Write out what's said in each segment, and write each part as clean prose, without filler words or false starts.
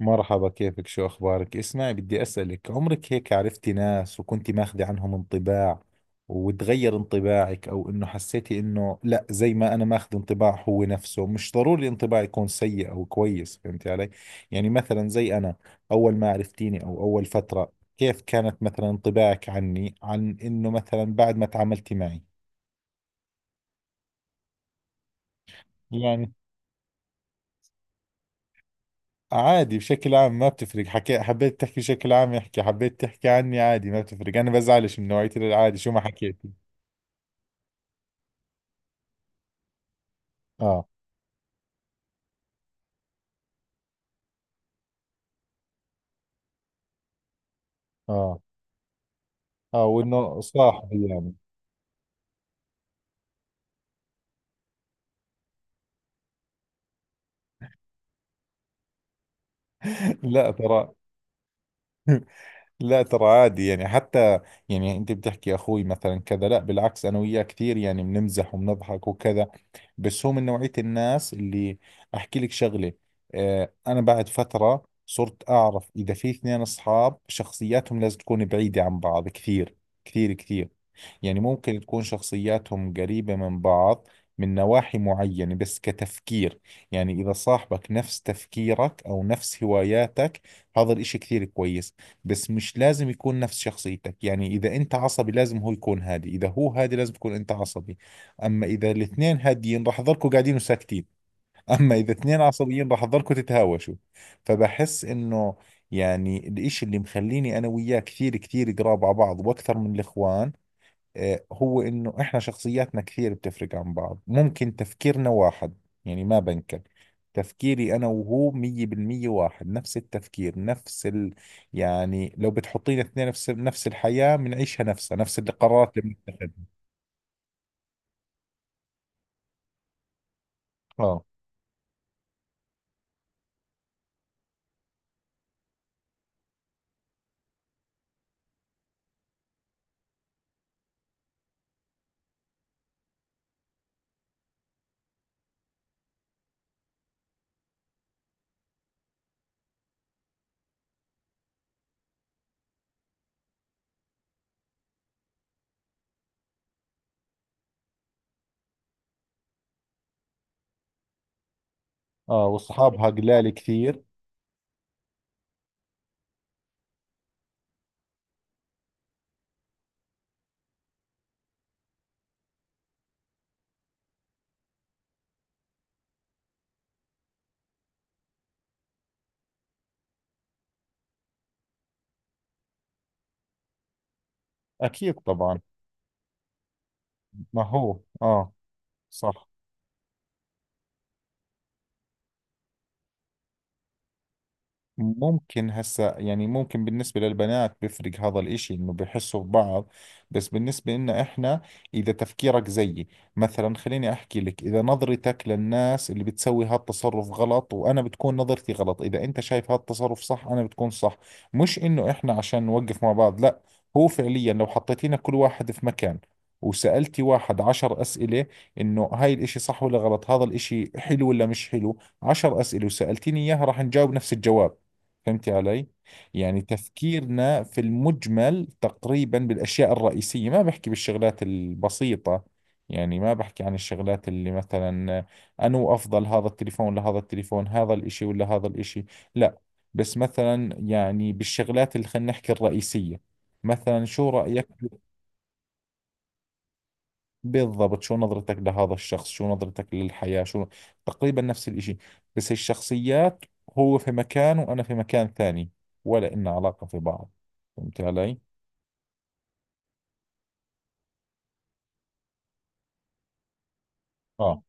مرحبا، كيفك؟ شو أخبارك؟ اسمعي، بدي أسألك، عمرك هيك عرفتي ناس وكنتي ماخذة عنهم انطباع وتغير انطباعك، أو إنه حسيتي إنه لا زي ما أنا ماخذ انطباع هو نفسه؟ مش ضروري الانطباع يكون سيء أو كويس، فهمتي علي؟ يعني مثلا زي أنا، أول ما عرفتيني أو أول فترة، كيف كانت مثلا انطباعك عني، عن إنه مثلا بعد ما تعاملتي معي؟ يعني عادي بشكل عام، ما بتفرق، حكي، حبيت تحكي بشكل عام احكي، حبيت تحكي عني عادي، ما بتفرق، انا بزعلش من نوعية، العادي شو ما حكيتي. اه، اه، اه، وانه صاحبي يعني. لا ترى. لا ترى، عادي يعني. حتى يعني انت بتحكي اخوي مثلا كذا، لا بالعكس، انا وياه كثير يعني بنمزح وبنضحك وكذا. بس هو من نوعية الناس اللي، احكي لك شغلة، اه انا بعد فترة صرت اعرف اذا في اثنين اصحاب شخصياتهم لازم تكون بعيدة عن بعض كثير، كثير كثير. يعني ممكن تكون شخصياتهم قريبة من بعض من نواحي معينة، بس كتفكير، يعني إذا صاحبك نفس تفكيرك أو نفس هواياتك، هذا الإشي كثير كويس. بس مش لازم يكون نفس شخصيتك، يعني إذا أنت عصبي لازم هو يكون هادي، إذا هو هادي لازم تكون أنت عصبي. أما إذا الاثنين هاديين راح تضلكوا قاعدين وساكتين، أما إذا اثنين عصبيين راح تضلكوا تتهاوشوا. فبحس إنه، يعني الإشي اللي مخليني أنا وياه كثير كثير قراب على بعض وأكثر من الإخوان، آه، هو انه احنا شخصياتنا كثير بتفرق عن بعض، ممكن تفكيرنا واحد، يعني ما بنكر، تفكيري انا وهو 100% واحد، نفس التفكير، نفس ال... يعني لو بتحطينا اثنين في نفس الحياة بنعيشها نفسها، نفس القرارات اللي بنتخذها. اه. اه، واصحابها قلال كثير. اكيد طبعا. ما هو اه. صح. ممكن هسا يعني ممكن بالنسبة للبنات بيفرق هذا الاشي، انه بحسوا ببعض. بس بالنسبة لنا احنا، اذا تفكيرك زيي، مثلا خليني احكي لك، اذا نظرتك للناس اللي بتسوي هالتصرف غلط، وانا بتكون نظرتي غلط، اذا انت شايف هالتصرف صح، انا بتكون صح. مش انه احنا عشان نوقف مع بعض، لا، هو فعليا لو حطيتينا كل واحد في مكان، وسألتي واحد 10 أسئلة، إنه هاي الإشي صح ولا غلط، هذا الإشي حلو ولا مش حلو، 10 أسئلة وسألتيني إياها راح نجاوب نفس الجواب. فهمتي علي؟ يعني تفكيرنا في المجمل تقريبا بالأشياء الرئيسية، ما بحكي بالشغلات البسيطة، يعني ما بحكي عن الشغلات اللي مثلا، أنو أفضل هذا التليفون لهذا التليفون، هذا الإشي ولا هذا الإشي، لا. بس مثلا يعني بالشغلات اللي خلينا نحكي الرئيسية، مثلا شو رأيك، بالضبط، شو نظرتك لهذا الشخص، شو نظرتك للحياة، شو، تقريبا نفس الإشي. بس الشخصيات، هو في مكان وأنا في مكان ثاني، ولا إن علاقة في بعض. فهمت علي؟ آه.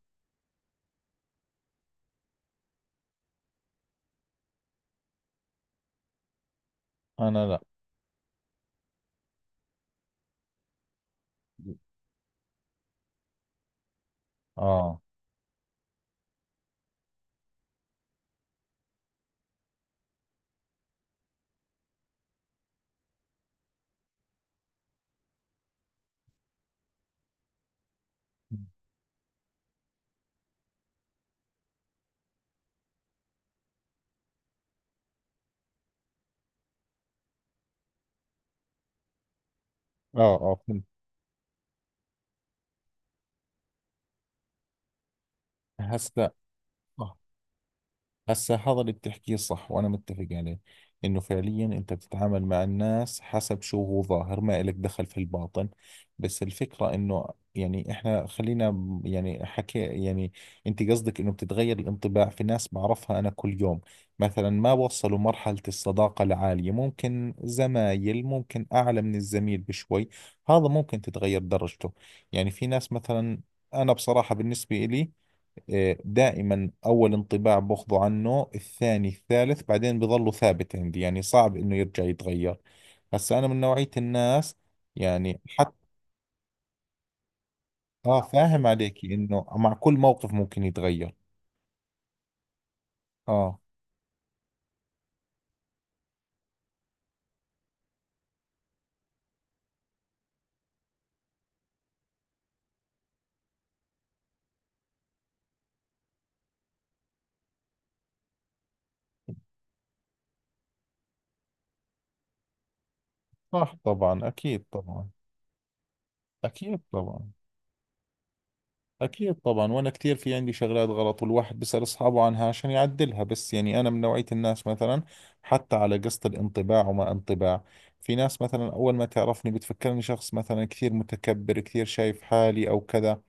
أنا لا. آه، آه، آه، فهمت. هسا هسا هذا اللي بتحكيه صح وأنا متفق عليه، إنه فعليا أنت بتتعامل مع الناس حسب شو هو ظاهر، ما إلك دخل في الباطن. بس الفكرة إنه، يعني إحنا خلينا يعني حكي يعني، أنت قصدك إنه بتتغير الانطباع في ناس بعرفها أنا كل يوم، مثلا ما وصلوا مرحلة الصداقة العالية، ممكن زمايل، ممكن أعلى من الزميل بشوي، هذا ممكن تتغير درجته. يعني في ناس مثلا، أنا بصراحة بالنسبة إلي، آه، دائما أول انطباع باخذه عنه، الثاني الثالث بعدين بظله ثابت عندي، يعني صعب إنه يرجع يتغير. هسا أنا من نوعية الناس، يعني حتى، آه فاهم عليكي، إنه مع كل موقف ممكن يتغير. آه. صح طبعا، أكيد طبعا. أكيد طبعا. أكيد طبعا، وأنا كثير في عندي شغلات غلط، والواحد بيسأل أصحابه عنها عشان يعدلها. بس يعني أنا من نوعية الناس مثلا، حتى على قصة الانطباع وما انطباع، في ناس مثلا أول ما تعرفني بتفكرني شخص مثلا كثير متكبر، كثير شايف حالي أو كذا.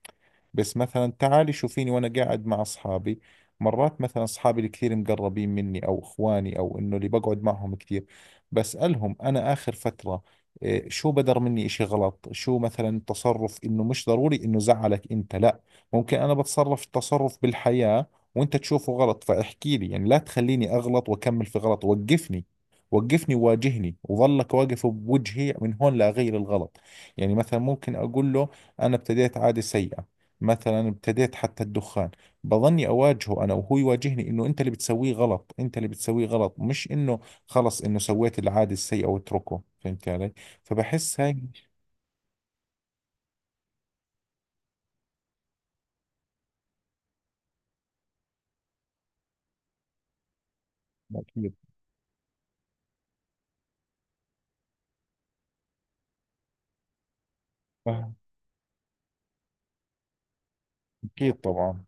بس مثلا تعالي شوفيني وانا قاعد مع اصحابي، مرات مثلا اصحابي الكثير مقربين مني، او اخواني، او انه اللي بقعد معهم كثير، بسألهم انا اخر فترة، إيه، شو بدر مني اشي غلط، شو مثلا تصرف، انه مش ضروري انه زعلك انت لا، ممكن انا بتصرف تصرف بالحياة وانت تشوفه غلط، فاحكي لي، يعني لا تخليني اغلط واكمل في غلط، وقفني، وقفني وواجهني وظلك واقف بوجهي من هون لاغير الغلط. يعني مثلا ممكن اقول له، انا ابتديت عادة سيئة، مثلا ابتديت حتى الدخان، بظني اواجهه انا وهو يواجهني، انه انت اللي بتسويه غلط، انت اللي بتسويه غلط، مش انه خلص انه سويت العادة السيئة واتركه، فهمت علي؟ فبحس هاي، اكيد، فاهم، اكيد طبعا،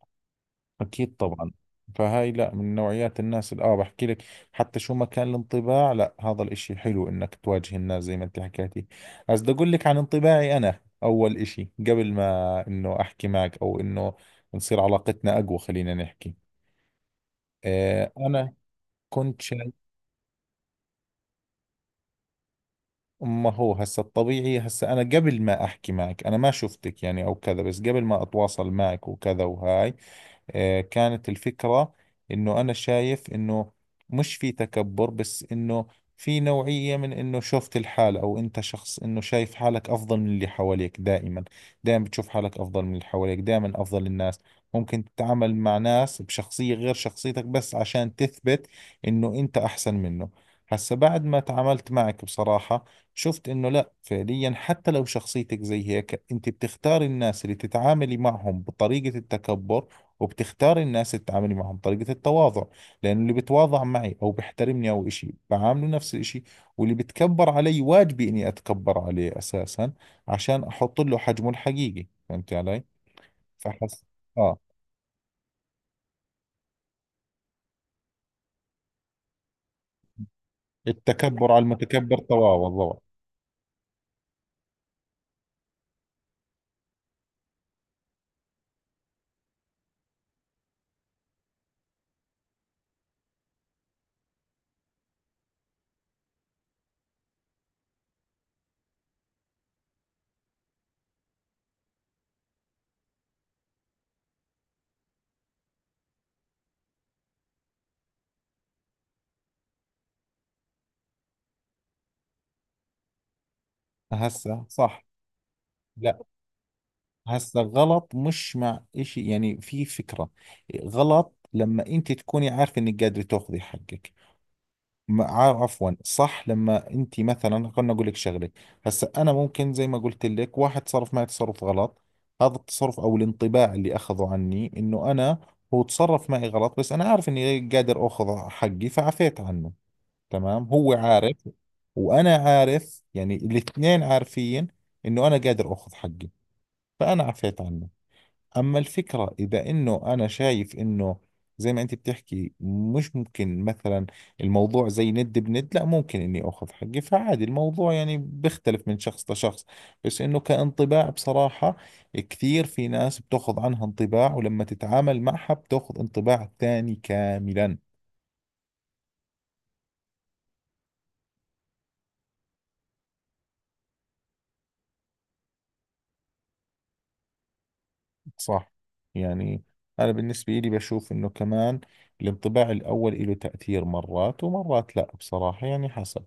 اكيد طبعا. فهاي لا، من نوعيات الناس اللي اه بحكي لك، حتى شو ما كان الانطباع لا، هذا الاشي حلو انك تواجه الناس زي ما انت حكيتي. بس بدي اقول لك عن انطباعي انا اول اشي قبل ما انه احكي معك، او انه نصير علاقتنا اقوى، خلينا نحكي، آه، أنا كنت شايف، ما هو هسا الطبيعي، هسا أنا قبل ما أحكي معك أنا ما شفتك يعني أو كذا، بس قبل ما أتواصل معك وكذا، وهاي، آه، كانت الفكرة انه انا شايف انه مش في تكبر، بس انه في نوعية من انه شفت الحال، او انت شخص انه شايف حالك افضل من اللي حواليك دائما، دائما بتشوف حالك افضل من اللي حواليك، دائما افضل الناس، ممكن تتعامل مع ناس بشخصية غير شخصيتك بس عشان تثبت انه انت احسن منه. هسا بعد ما تعاملت معك بصراحة، شفت انه لا فعليا، حتى لو شخصيتك زي هيك، انت بتختار الناس اللي تتعاملي معهم بطريقة التكبر، وبتختاري الناس اللي تتعاملي معهم طريقة التواضع، لأنه اللي بتواضع معي أو بيحترمني أو إشي بعامله نفس الإشي، واللي بتكبر علي واجبي إني أتكبر عليه أساسا عشان أحط له حجمه الحقيقي. فهمت علي؟ فحس، آه، التكبر على المتكبر تواضع ضوء. هسا صح. لا، هسا غلط مش مع إشي، يعني في فكرة. غلط لما أنت تكوني عارفة إنك قادرة تاخذي حقك. عفوا، صح، لما انت مثلا، خلنا اقول لك شغله، هسا انا ممكن زي ما قلت لك، واحد تصرف معي تصرف غلط، هذا التصرف او الانطباع اللي اخذه عني، انه انا هو تصرف معي غلط، بس انا عارف اني قادر اخذ حقي فعفيت عنه، تمام، هو عارف، وانا عارف، يعني الاثنين عارفين انه انا قادر اخذ حقي فانا عفيت عنه. أما الفكرة إذا إنه أنا شايف إنه، زي ما أنت بتحكي، مش ممكن مثلا الموضوع زي ند بند، لا، ممكن إني أخذ حقي فعادي، الموضوع يعني بيختلف من شخص لشخص. بس إنه كانطباع بصراحة، كثير في ناس بتأخذ عنها انطباع ولما تتعامل معها بتأخذ انطباع ثاني كاملا. صح. يعني أنا بالنسبة لي بشوف إنه كمان الانطباع الأول له تأثير، مرات ومرات لا بصراحة، يعني حسب،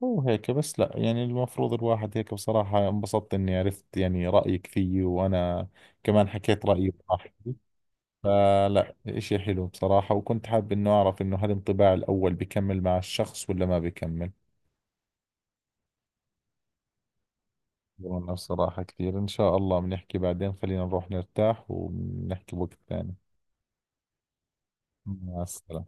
مو هيك بس لا، يعني المفروض الواحد هيك. بصراحة انبسطت اني عرفت يعني رأيك فيي، وانا كمان حكيت رأيي براحتي، فلا اشي حلو بصراحة، وكنت حاب انه اعرف انه هل الانطباع الاول بكمل مع الشخص ولا ما بكمل. والله بصراحة كثير، ان شاء الله بنحكي بعدين، خلينا نروح نرتاح ونحكي وقت ثاني. مع السلامة.